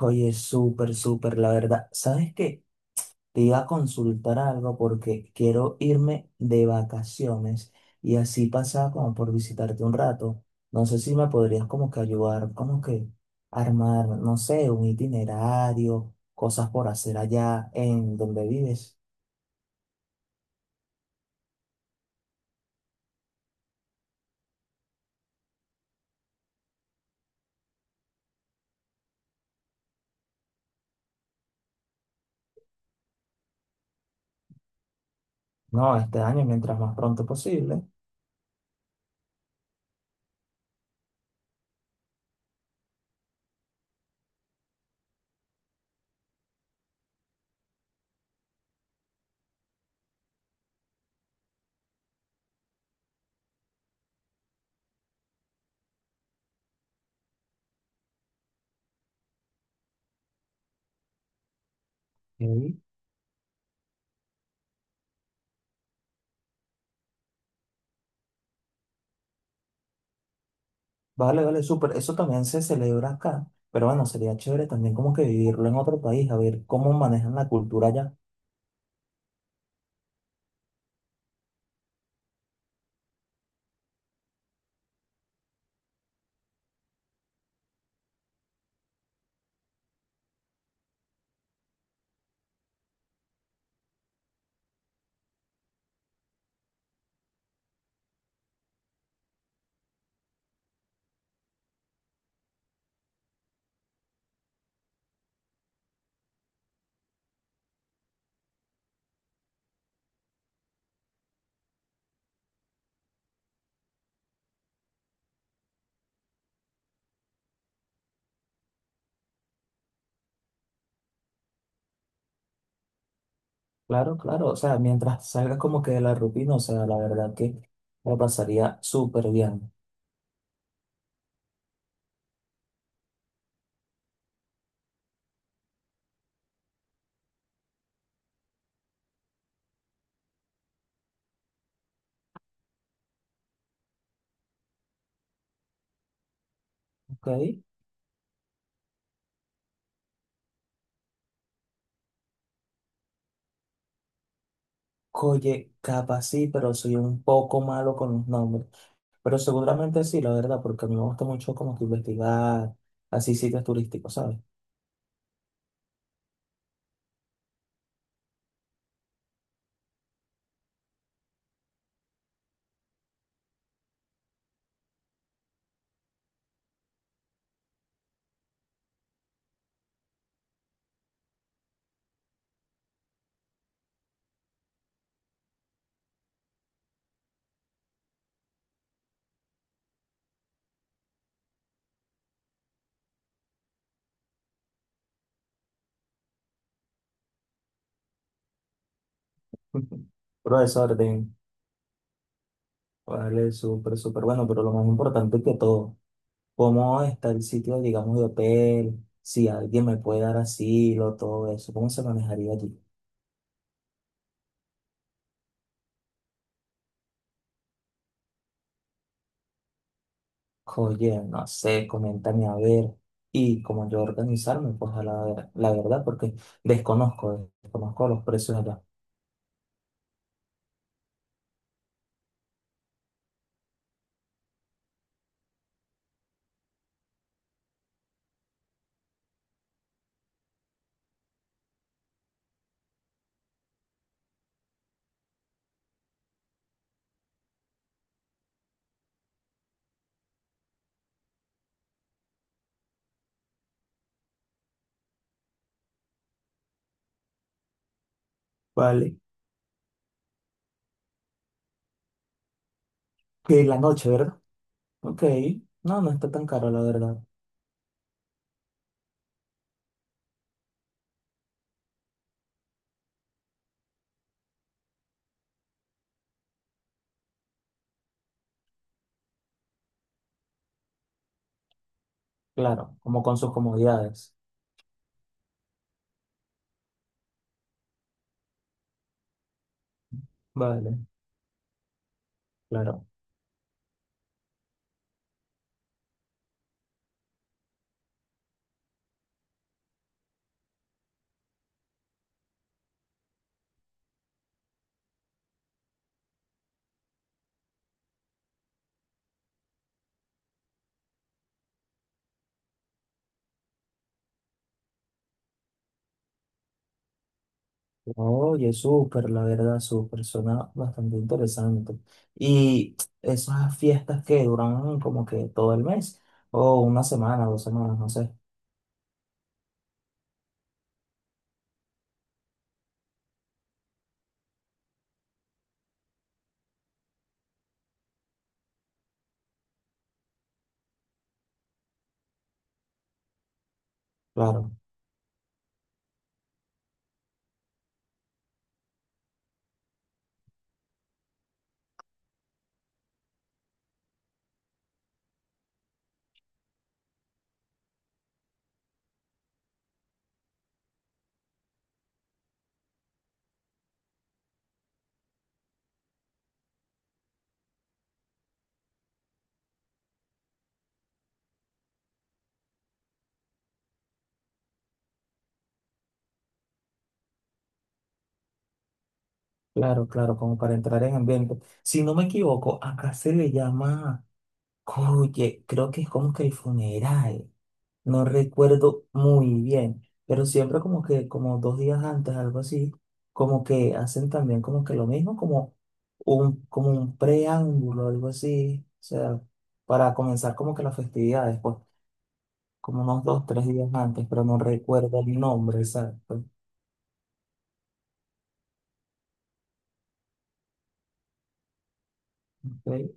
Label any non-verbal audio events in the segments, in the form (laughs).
Oye, súper, súper, la verdad. ¿Sabes qué? Te iba a consultar algo porque quiero irme de vacaciones y así pasaba como por visitarte un rato. No sé si me podrías como que ayudar, como que armar, no sé, un itinerario, cosas por hacer allá en donde vives. No, este año, mientras más pronto posible. Ok. Vale, vale, súper. Eso también se celebra acá, pero bueno, sería chévere también como que vivirlo en otro país, a ver cómo manejan la cultura allá. Claro, claro, o sea, mientras salgas como que de la rutina, o sea, la verdad que la pasaría súper bien, ¿ok? Oye, capaz sí, pero soy un poco malo con los nombres, pero seguramente sí, la verdad, porque a mí me gusta mucho como que investigar así sitios turísticos, ¿sabes? (laughs) Profesor, orden, vale, súper, súper bueno, pero lo más importante que todo, ¿cómo está el sitio, digamos, de hotel? Si alguien me puede dar asilo, todo eso, ¿cómo se manejaría allí? Oye, no sé, coméntame a ver. Y como yo organizarme, pues la verdad, porque desconozco los precios allá. Vale. Que la noche, ¿verdad? Ok. No, no está tan caro, la verdad. Claro, como con sus comodidades. Vale, claro. Oye, súper, la verdad, súper. Suena bastante interesante. Y esas fiestas que duran como que todo el mes, o una semana, dos semanas, no sé. Claro. Claro, claro, como para entrar en ambiente. Si no me equivoco, acá se le llama, oye, creo que es como que el funeral, no recuerdo muy bien, pero siempre como que, como dos días antes, algo así, como que hacen también como que lo mismo, como un preámbulo, algo así, o sea, para comenzar como que las festividades, pues, como unos dos, tres días antes, pero no recuerdo el nombre exacto. ¿Ok?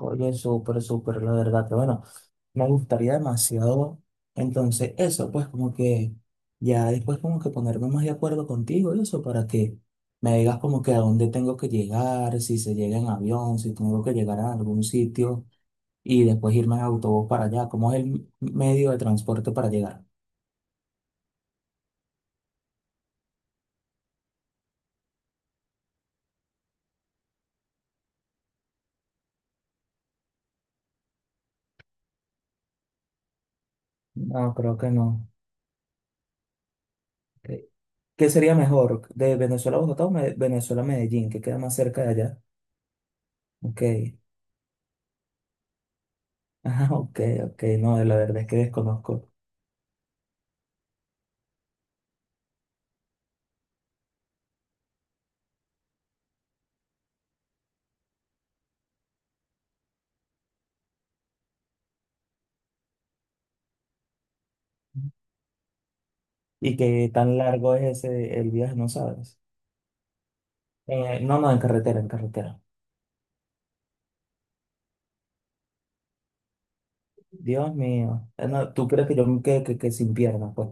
Oye, súper, súper, la verdad, que bueno. Me gustaría demasiado. Entonces, eso, pues como que ya después como que ponerme más de acuerdo contigo y eso para que me digas como que a dónde tengo que llegar, si se llega en avión, si tengo que llegar a algún sitio y después irme en autobús para allá. ¿Cómo es el medio de transporte para llegar? No, creo que no. ¿Qué, qué sería mejor? ¿De Venezuela a Bogotá o Me- Venezuela a Medellín? ¿Que queda más cerca de allá? Ok. (laughs) Ah, ok, ok. No, la verdad es que desconozco. ¿Y qué tan largo es ese el viaje? No sabes. No, no, en carretera, en carretera. Dios mío. No, ¿tú crees que yo me quede que sin piernas? Pues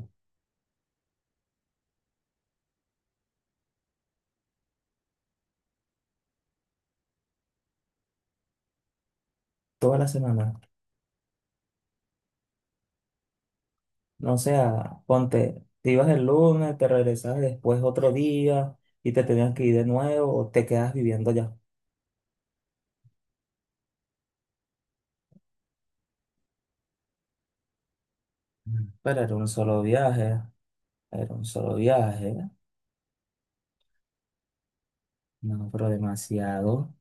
toda la semana. No sea, ponte, te ibas el lunes, te regresabas después otro día y te tenías que ir de nuevo o te quedas viviendo allá. Mm. Pero era un solo viaje, era un solo viaje. No, pero demasiado.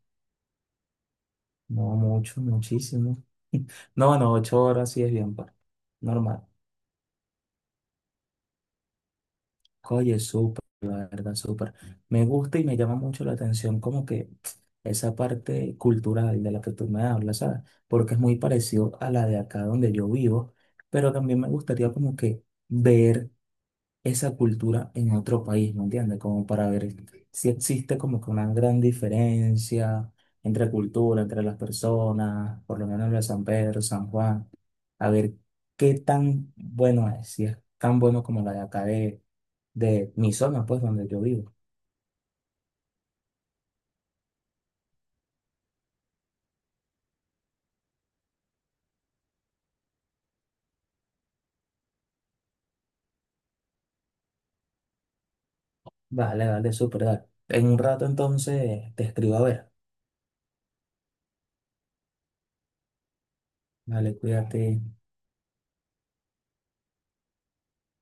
No, mucho, muchísimo. (laughs) No, no, 8 horas sí es bien, pues, normal. Oye, súper, la verdad, súper. Me gusta y me llama mucho la atención como que esa parte cultural de la que tú me hablas, ¿sabes? Porque es muy parecido a la de acá donde yo vivo, pero también me gustaría como que ver esa cultura en otro país, ¿me entiendes? Como para ver si existe como que una gran diferencia entre cultura, entre las personas, por lo menos lo de San Pedro, San Juan, a ver qué tan bueno es, si es tan bueno como la de acá de mi zona, pues, donde yo vivo. Vale, dale, súper, dale. En un rato entonces te escribo a ver. Vale, cuídate.